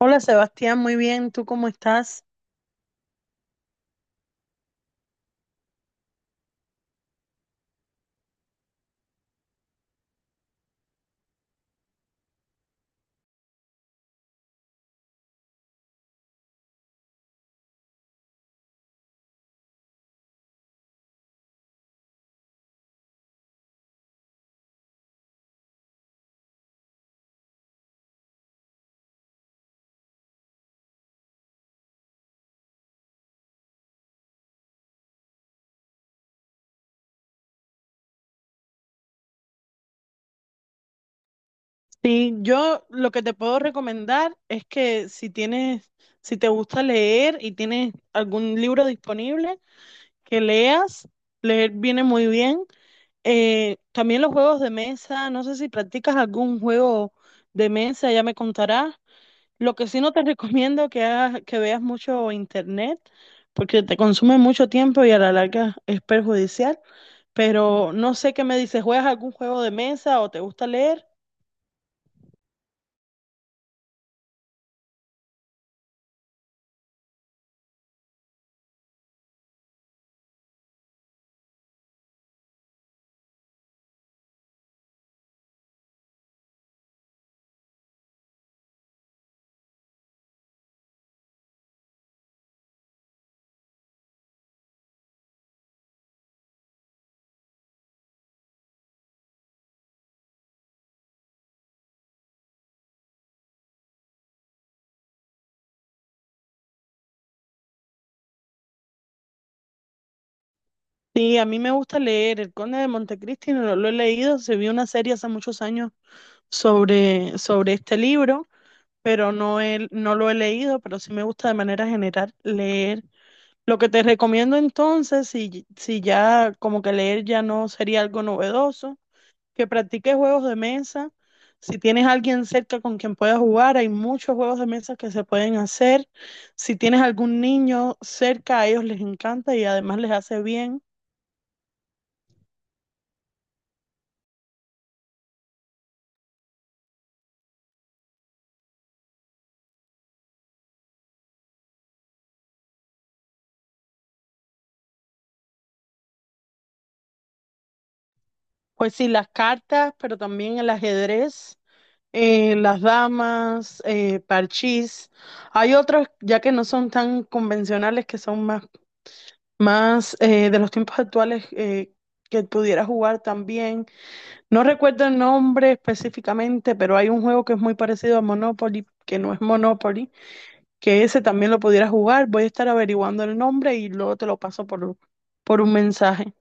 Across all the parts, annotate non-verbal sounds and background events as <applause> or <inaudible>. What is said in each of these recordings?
Hola Sebastián, muy bien, ¿tú cómo estás? Sí, yo lo que te puedo recomendar es que si tienes, si te gusta leer y tienes algún libro disponible, que leas, leer viene muy bien. También los juegos de mesa, no sé si practicas algún juego de mesa, ya me contarás. Lo que sí no te <laughs> recomiendo que hagas, que veas mucho internet, porque te consume mucho tiempo y a la larga es perjudicial. Pero no sé qué me dices, ¿juegas algún juego de mesa o te gusta leer? Sí, a mí me gusta leer El Conde de Montecristi, no lo he leído, se vio una serie hace muchos años sobre este libro, pero no, no lo he leído, pero sí me gusta de manera general leer. Lo que te recomiendo entonces, si ya como que leer ya no sería algo novedoso, que practique juegos de mesa. Si tienes alguien cerca con quien puedas jugar, hay muchos juegos de mesa que se pueden hacer. Si tienes algún niño cerca, a ellos les encanta y además les hace bien. Pues sí, las cartas, pero también el ajedrez, las damas, parchís. Hay otros ya que no son tan convencionales, que son más, más de los tiempos actuales, que pudieras jugar también. No recuerdo el nombre específicamente, pero hay un juego que es muy parecido a Monopoly, que no es Monopoly, que ese también lo pudiera jugar. Voy a estar averiguando el nombre y luego te lo paso por un mensaje.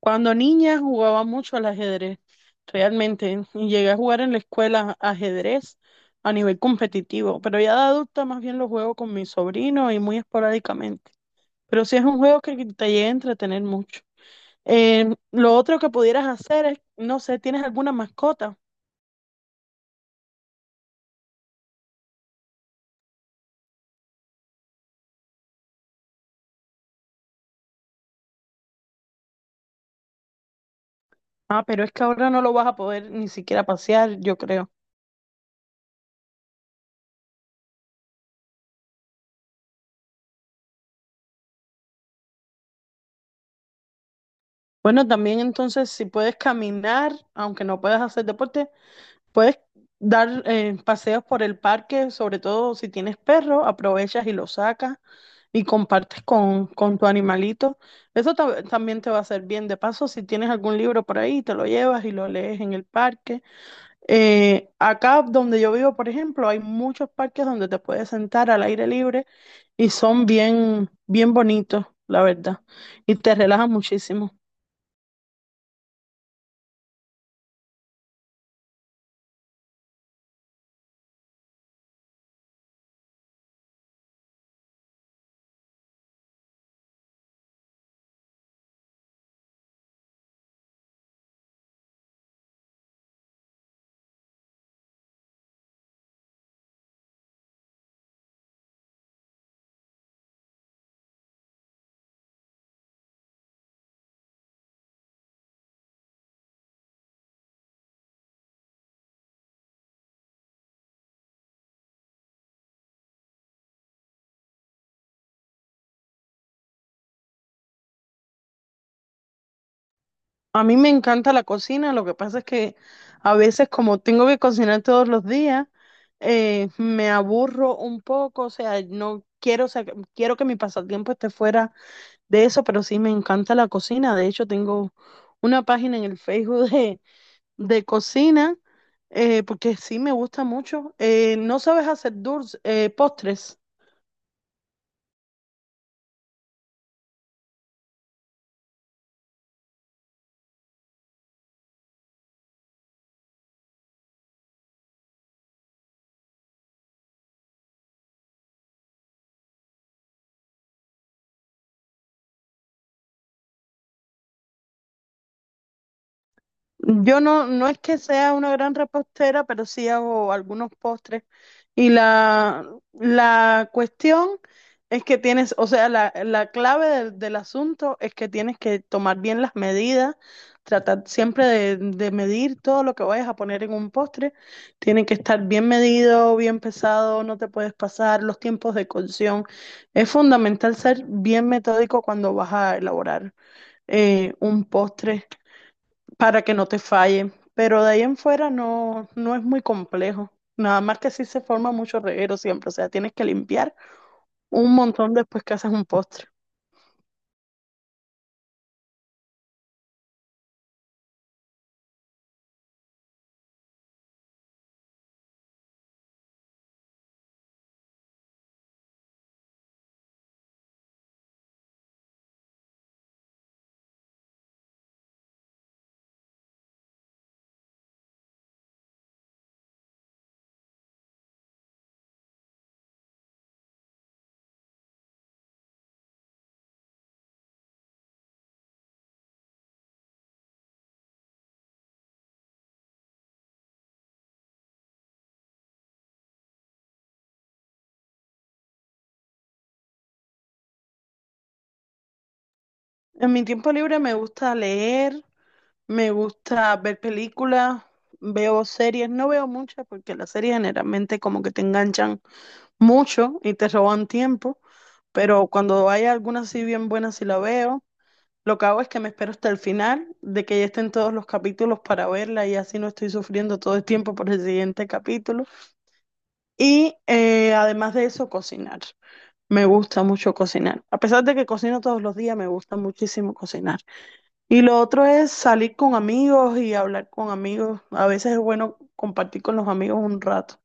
Cuando niña jugaba mucho al ajedrez, realmente, y llegué a jugar en la escuela ajedrez a nivel competitivo, pero ya de adulta más bien lo juego con mi sobrino y muy esporádicamente. Pero sí es un juego que te llega a entretener mucho. Lo otro que pudieras hacer es, no sé, ¿tienes alguna mascota? Ah, pero es que ahora no lo vas a poder ni siquiera pasear, yo creo. Bueno, también entonces si puedes caminar, aunque no puedas hacer deporte, puedes dar paseos por el parque, sobre todo si tienes perro, aprovechas y lo sacas y compartes con tu animalito. Eso también te va a hacer bien. De paso, si tienes algún libro por ahí, te lo llevas y lo lees en el parque. Acá donde yo vivo, por ejemplo, hay muchos parques donde te puedes sentar al aire libre y son bien, bien bonitos, la verdad, y te relajan muchísimo. A mí me encanta la cocina, lo que pasa es que a veces como tengo que cocinar todos los días, me aburro un poco, o sea, no quiero, quiero que mi pasatiempo esté fuera de eso, pero sí me encanta la cocina. De hecho, tengo una página en el Facebook de cocina, porque sí me gusta mucho. ¿No sabes hacer dulces, postres? Yo no, no es que sea una gran repostera, pero sí hago algunos postres. Y la cuestión es que tienes, o sea, la clave del asunto es que tienes que tomar bien las medidas, tratar siempre de medir todo lo que vayas a poner en un postre. Tiene que estar bien medido, bien pesado, no te puedes pasar, los tiempos de cocción. Es fundamental ser bien metódico cuando vas a elaborar un postre para que no te falle. Pero de ahí en fuera no, no es muy complejo. Nada más que sí se forma mucho reguero siempre. O sea, tienes que limpiar un montón después que haces un postre. En mi tiempo libre me gusta leer, me gusta ver películas, veo series. No veo muchas porque las series generalmente como que te enganchan mucho y te roban tiempo. Pero cuando hay alguna así bien buena sí la veo. Lo que hago es que me espero hasta el final de que ya estén todos los capítulos para verla y así no estoy sufriendo todo el tiempo por el siguiente capítulo. Y además de eso, cocinar. Me gusta mucho cocinar. A pesar de que cocino todos los días, me gusta muchísimo cocinar. Y lo otro es salir con amigos y hablar con amigos. A veces es bueno compartir con los amigos un rato.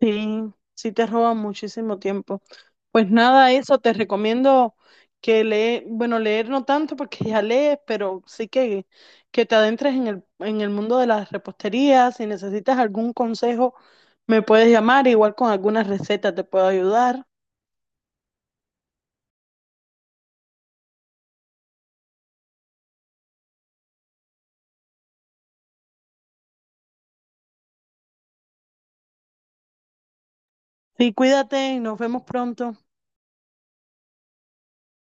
Sí, sí te roba muchísimo tiempo. Pues nada, eso te recomiendo que leer, bueno, leer no tanto porque <laughs> ya lees, pero sí que te adentres en el mundo de las reposterías. Si necesitas algún consejo, me puedes llamar, igual con algunas recetas te puedo ayudar. Sí, cuídate y nos vemos pronto.